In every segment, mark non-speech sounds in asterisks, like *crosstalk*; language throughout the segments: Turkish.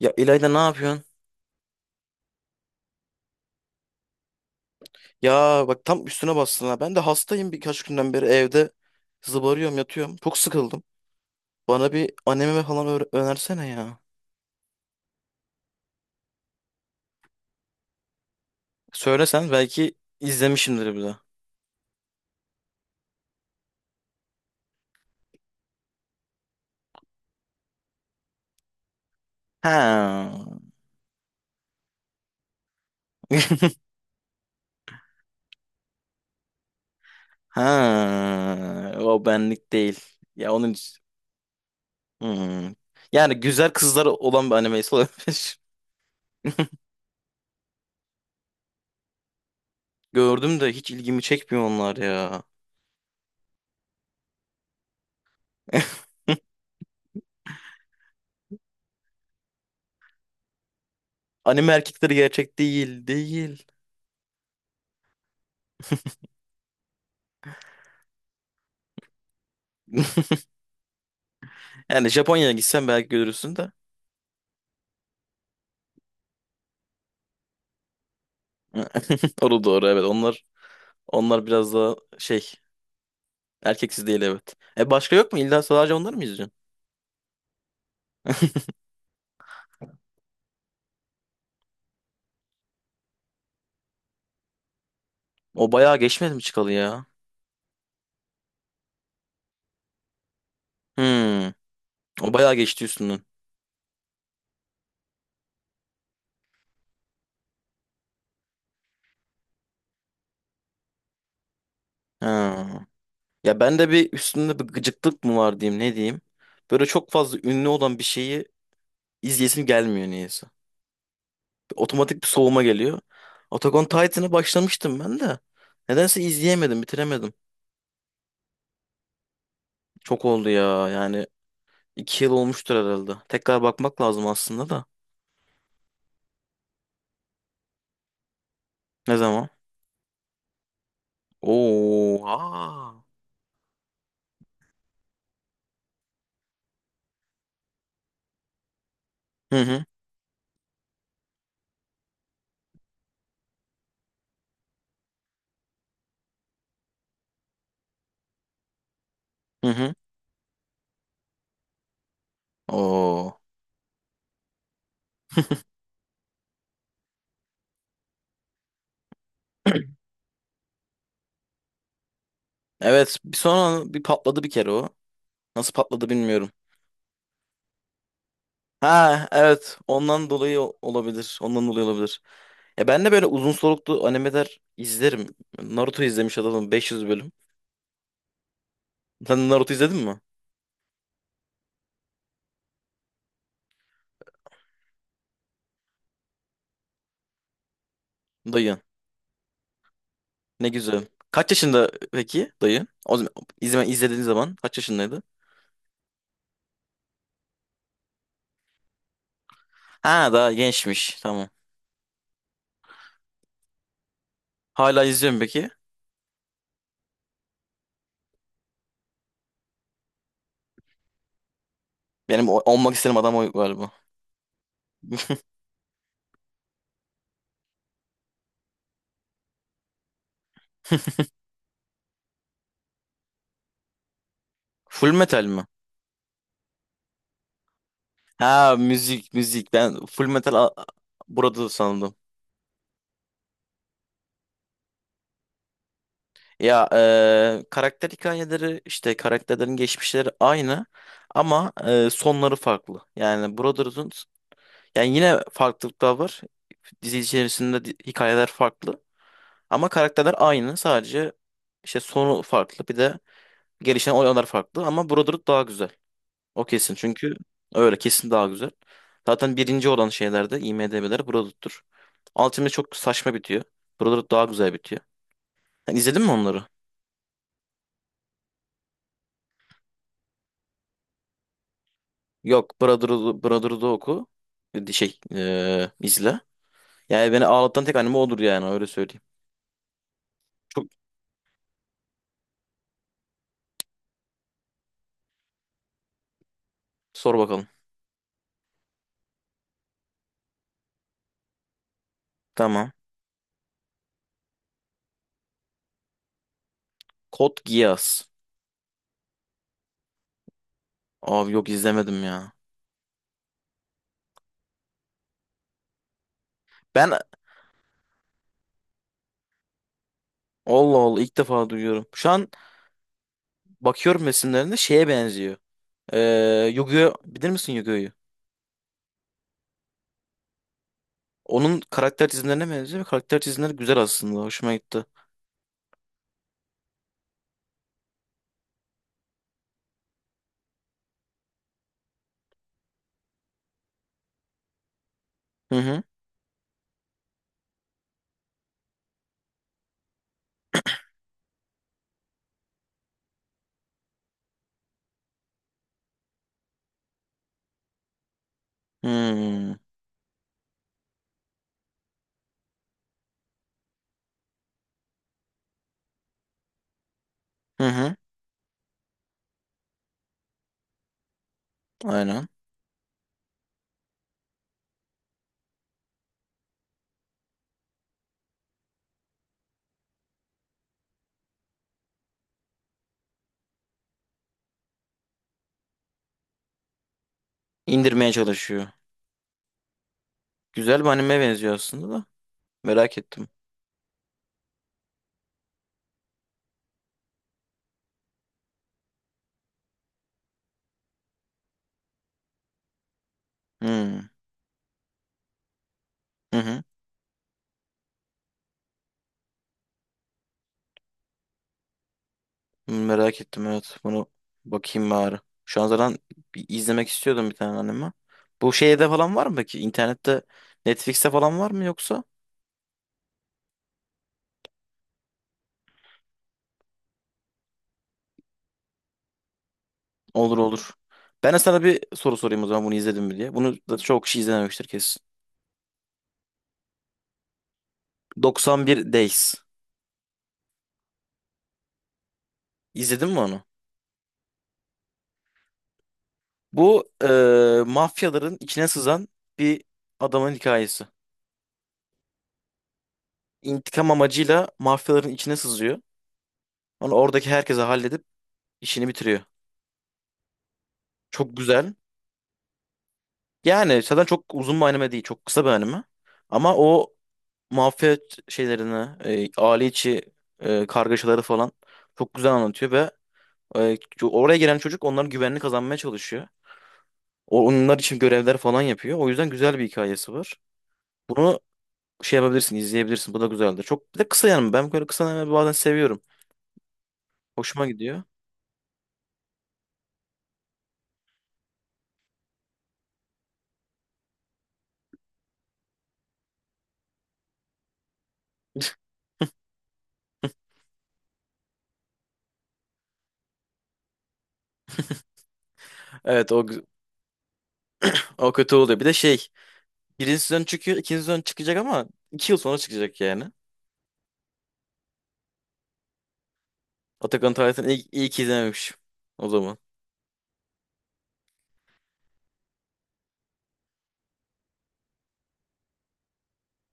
Ya İlayda ne yapıyorsun? Ya bak tam üstüne bastın ha. Ben de hastayım birkaç günden beri evde zıbarıyorum yatıyorum. Çok sıkıldım. Bana bir anime falan önersene ya. Söylesen belki izlemişimdir bir de. Ha. *laughs* Ha. O benlik değil. Ya onun için- Hmm. Yani güzel kızlar olan bir animesi olabilir. *laughs* Gördüm de hiç ilgimi çekmiyor onlar ya. *laughs* Anime erkekleri gerçek değil, değil. *laughs* Yani Japonya'ya gitsen belki görürsün de. *laughs* Doğru doğru evet. Onlar biraz daha şey erkeksiz değil evet. E başka yok mu? İlla sadece onları mı izliyorsun? O bayağı geçmedi mi çıkalı ya? Hmm. O bayağı geçti üstünden. Ha. Ya ben de bir üstünde bir gıcıklık mı var diyeyim ne diyeyim. Böyle çok fazla ünlü olan bir şeyi izleyesim gelmiyor niyeyse. Bir otomatik bir soğuma geliyor. Attack on Titan'a başlamıştım ben de. Nedense izleyemedim, bitiremedim. Çok oldu ya yani. 2 yıl olmuştur herhalde. Tekrar bakmak lazım aslında da. Ne zaman? Oo, aa. Hı hı, hı hı. Oo. *clears throat* Evet, bir sonra bir patladı bir kere o. Nasıl patladı bilmiyorum. Ha, evet. Ondan dolayı olabilir. Ondan dolayı olabilir. Ya ben de böyle uzun soluklu animeler izlerim. Naruto izlemiş adamım 500 bölüm. Sen Naruto izledin mi? Dayı. Ne güzel. Kaç yaşında peki dayı? O zaman izlediğin zaman kaç yaşındaydı? Ha, daha gençmiş. Tamam. Hala izliyorum peki. Benim olmak istediğim adam o galiba. *laughs* Full metal mi? Ha müzik müzik ben Full Metal burada sandım. Ya karakter hikayeleri işte karakterlerin geçmişleri aynı ama sonları farklı. Yani Brotherhood'un yani yine farklılıklar var. Dizi içerisinde hikayeler farklı ama karakterler aynı sadece işte sonu farklı bir de gelişen olaylar farklı ama Brotherhood daha güzel. O kesin çünkü öyle kesin daha güzel. Zaten birinci olan şeylerde IMDb'ler Brotherhood'dur. Ultimate çok saçma bitiyor. Brotherhood daha güzel bitiyor. Yani izledin mi onları? Yok Brotherhood'u oku. İzle. Yani beni ağlatan tek anime odur yani öyle söyleyeyim. Çok sor bakalım. Tamam. Code Geass. Abi yok izlemedim ya. Ben Allah Allah ilk defa duyuyorum. Şu an bakıyorum resimlerinde şeye benziyor. Yu-Gi-Oh! Bilir misin yu Onun karakter çizimlerine benziyor ve karakter çizimleri güzel aslında. Hoşuma gitti. Hı hı. Hmm. Hı hı. Aynen. İndirmeye çalışıyor. Güzel bir anime benziyor aslında da. Merak ettim. Hmm. Hı hı. Merak ettim evet. Bunu bakayım bari. Şu an zaten bir izlemek istiyordum bir tane anime. Bu şeyde falan var mı peki? İnternette Netflix'te falan var mı yoksa? Olur olur. Ben de sana bir soru sorayım o zaman bunu izledim mi diye. Bunu da çok kişi izlememiştir kesin. 91 Days. İzledin mi onu? Bu mafyaların içine sızan bir adamın hikayesi. İntikam amacıyla mafyaların içine sızıyor. Onu oradaki herkese halledip işini bitiriyor. Çok güzel. Yani zaten çok uzun bir anime değil. Çok kısa bir anime. Ama o mafya şeylerini, aile içi kargaşaları falan çok güzel anlatıyor ve e, oraya gelen çocuk onların güvenini kazanmaya çalışıyor. O, onlar için görevler falan yapıyor. O yüzden güzel bir hikayesi var. Bunu şey yapabilirsin, izleyebilirsin. Bu da güzeldir. Çok bir de kısa yani ben böyle kısa anime bazen seviyorum. Hoşuma gidiyor. Evet o kötü oluyor. Bir de şey birinci sezon çıkıyor, ikinci sezon çıkacak ama 2 yıl sonra çıkacak yani. Attack on Titan'ı iyi, iyi ki izlememiş o zaman.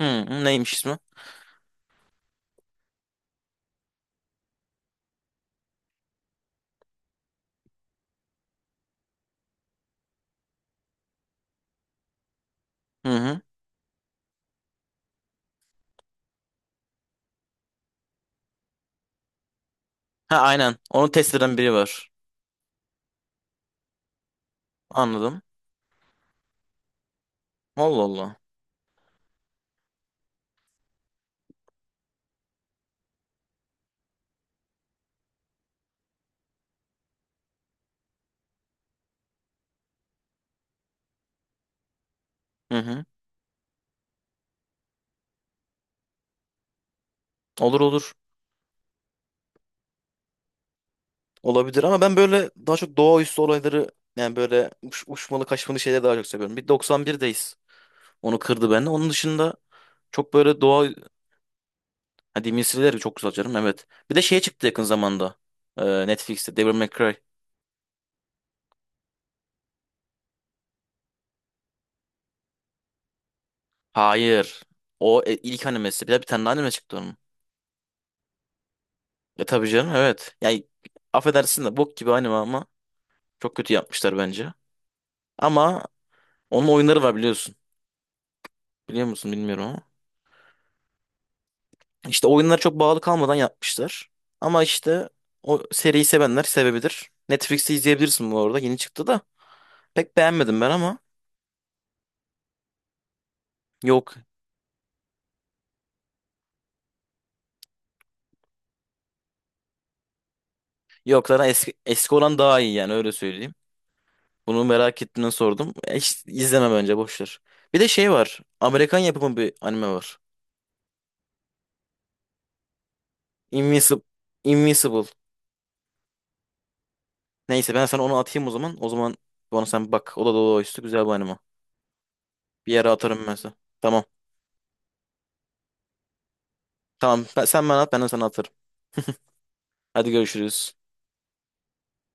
Hı, hı, neymiş ismi? Hı hı. Ha aynen. Onu test eden biri var. Anladım. Allah Allah. Hı hı. Olur olur. Olabilir ama ben böyle daha çok doğaüstü olayları yani böyle uçmalı kaçmalı şeyleri daha çok seviyorum. Bir 91'deyiz. Onu kırdı bende. Onun dışında çok böyle doğa Ha, Demon Slayer çok güzel canım evet. Bir de şey çıktı yakın zamanda. Netflix'te Devil May Cry. Hayır. O ilk animesi. Bir de bir tane daha anime çıktı onun. E tabii canım evet. Yani affedersin de bok gibi anime ama çok kötü yapmışlar bence. Ama onun oyunları var biliyorsun. Biliyor musun bilmiyorum ama. İşte oyunlar çok bağlı kalmadan yapmışlar. Ama işte o seriyi sevenler sevebilir. Netflix'te izleyebilirsin bu arada. Yeni çıktı da. Pek beğenmedim ben ama. Yok. Yok zaten eski, eski olan daha iyi yani öyle söyleyeyim. Bunu merak ettiğinden sordum. E, hiç izleme bence boş ver. Bir de şey var. Amerikan yapımı bir anime var. Invincible. Invincible. Neyse ben sana onu atayım o zaman. O zaman onu sen bak. O da dolu üstü güzel bir anime. Bir yere atarım ben sana. Tamam. Tamam. Sen bana at ben de sana atarım. Hadi görüşürüz.